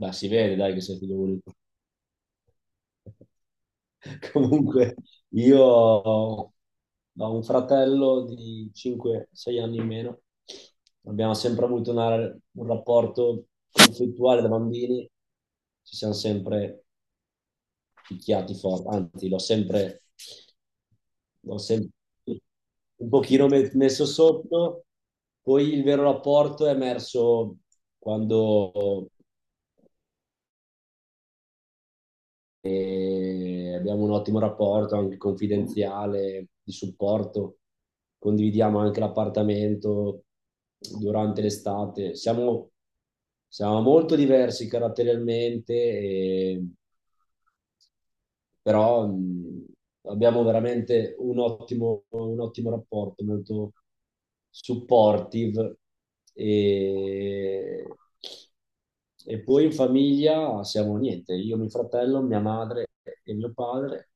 Beh, si vede, dai, che sei figlio unico. Comunque, io ho un fratello di 5-6 anni in meno. Abbiamo sempre avuto un rapporto conflittuale da bambini. Ci siamo sempre picchiati forte, anzi, l'ho sempre un pochino messo sotto. Poi il vero rapporto è emerso quando abbiamo un ottimo rapporto anche confidenziale di supporto, condividiamo anche l'appartamento durante l'estate. Siamo molto diversi caratterialmente e però abbiamo veramente un ottimo rapporto, molto supportive e, e poi in famiglia siamo niente, io, mio fratello, mia madre e mio padre,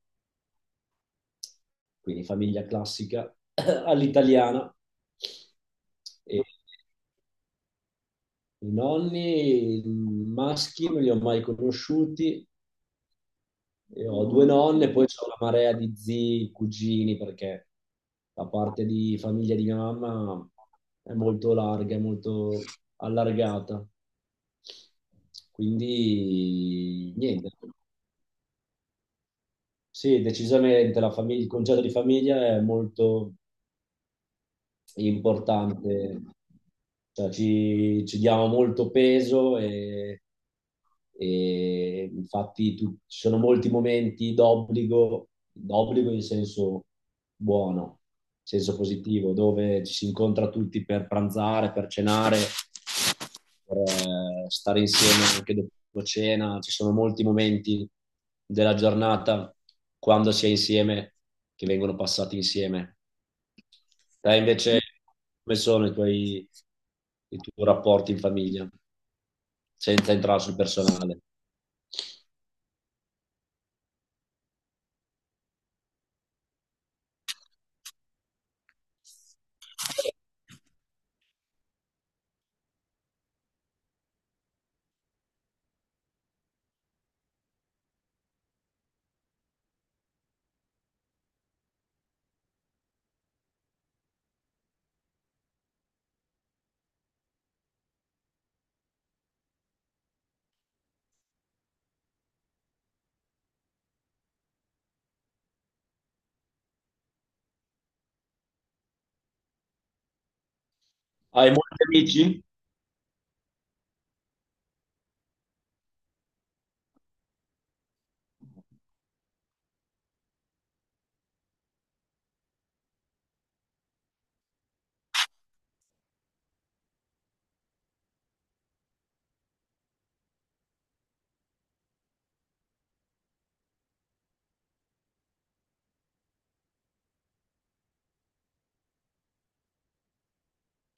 quindi famiglia classica all'italiana. E I nonni maschi non li ho mai conosciuti. Io ho due nonne, poi c'ho una marea di zii, cugini, perché la parte di famiglia di mia mamma è molto larga, è molto allargata. Quindi niente. Sì, decisamente il concetto di famiglia è molto importante, cioè ci diamo molto peso e ci sono molti momenti d'obbligo, d'obbligo in senso buono, in senso positivo, dove ci si incontra tutti per pranzare, per cenare, per stare insieme anche dopo cena. Ci sono molti momenti della giornata quando si è insieme che vengono passati insieme. Te invece, come sono i tuoi rapporti in famiglia, senza entrare sul personale? Hai molti amici?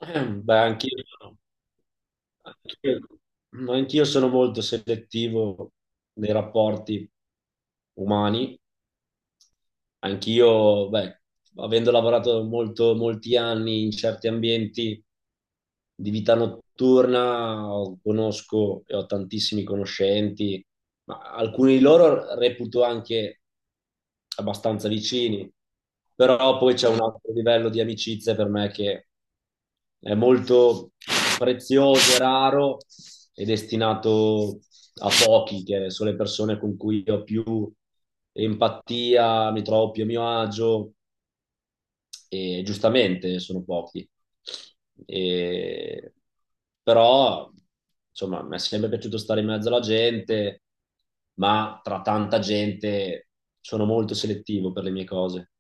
Beh, anch'io, no. anch'io, anch'io sono molto selettivo nei rapporti umani. Anch'io, beh, avendo lavorato molto, molti anni in certi ambienti di vita notturna, conosco e ho tantissimi conoscenti ma alcuni di loro reputo anche abbastanza vicini, però poi c'è un altro livello di amicizia per me che è molto prezioso e raro e destinato a pochi, che sono le persone con cui ho più empatia, mi trovo più a mio agio e giustamente sono pochi. E- Però, insomma, mi è sempre piaciuto stare in mezzo alla gente, ma tra tanta gente sono molto selettivo per le mie cose.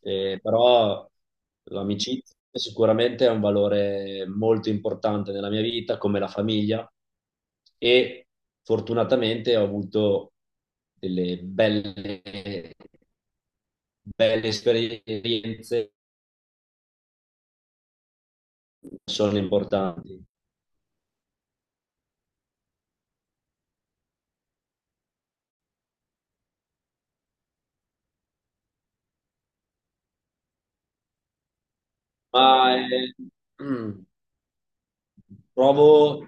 Però l'amicizia sicuramente è un valore molto importante nella mia vita, come la famiglia, e fortunatamente ho avuto delle belle, belle esperienze sono importanti. Ma eh, mm, provo,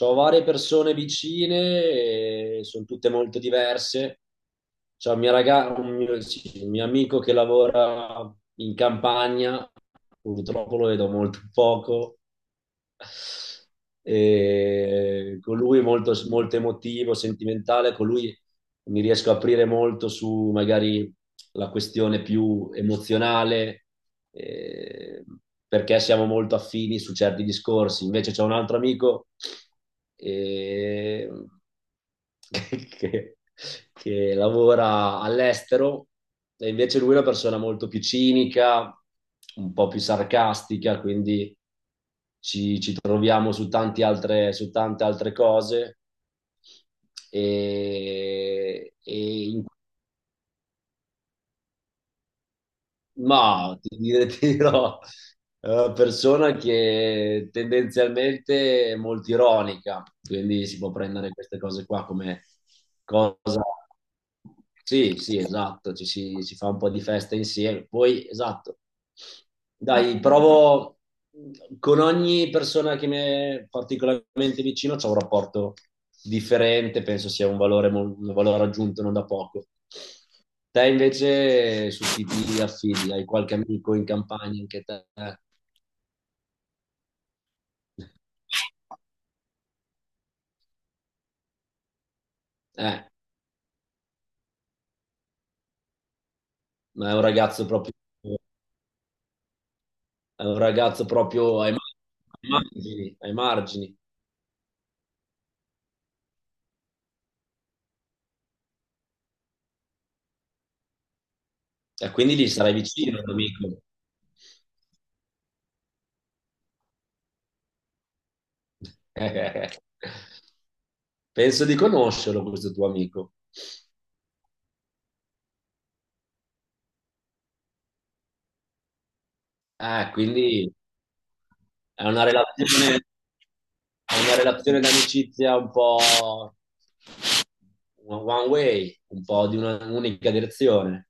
ho varie persone vicine, e sono tutte molto diverse. C'è un mio, sì, un mio amico che lavora in campagna, purtroppo lo vedo molto poco. E con lui è molto, molto emotivo, sentimentale, con lui mi riesco a aprire molto su magari la questione più emozionale, eh, perché siamo molto affini su certi discorsi. Invece c'è un altro amico eh, che, che lavora all'estero e invece lui è una persona molto più cinica, un po' più sarcastica, quindi ci troviamo su, tanti altre, su tante altre cose. E in ti dirò, è una persona che tendenzialmente è molto ironica, quindi si può prendere queste cose qua come cosa. Sì, sì, esatto, ci si, si fa un po' di festa insieme. Poi, esatto, dai, provo con ogni persona che mi è particolarmente vicino, c'è un rapporto differente, penso sia un valore, un valore aggiunto non da poco. Te invece su chi ti affidi? Hai qualche amico in campagna anche te? Eh, ma è un ragazzo proprio, è un ragazzo proprio ai margini, ai margini. E quindi lì sarai vicino, amico. Penso di conoscerlo questo tuo amico. Ah, quindi è una relazione, è una relazione d'amicizia un po' one one way, un po' di un'unica direzione.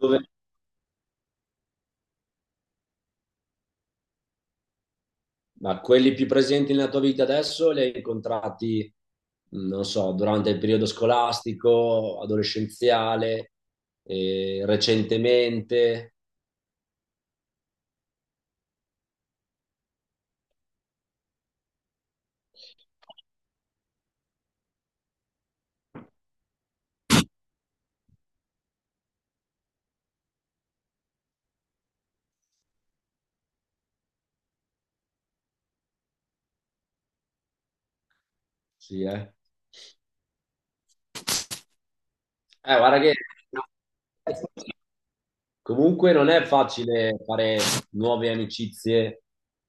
Dove- ma quelli più presenti nella tua vita adesso li hai incontrati, non so, durante il periodo scolastico, adolescenziale, recentemente? Sì, eh. Guarda che... Comunque non è facile fare nuove amicizie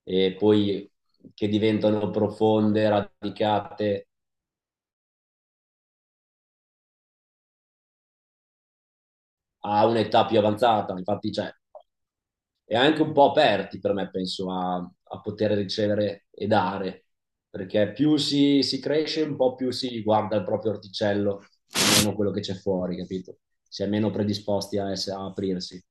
e poi che diventano profonde, radicate a un'età più avanzata. Infatti, cioè, è anche un po' aperti per me, penso, a, a poter ricevere e dare, perché più si cresce, un po' più si guarda il proprio orticello e meno quello che c'è fuori, capito? Si è meno predisposti a, a aprirsi.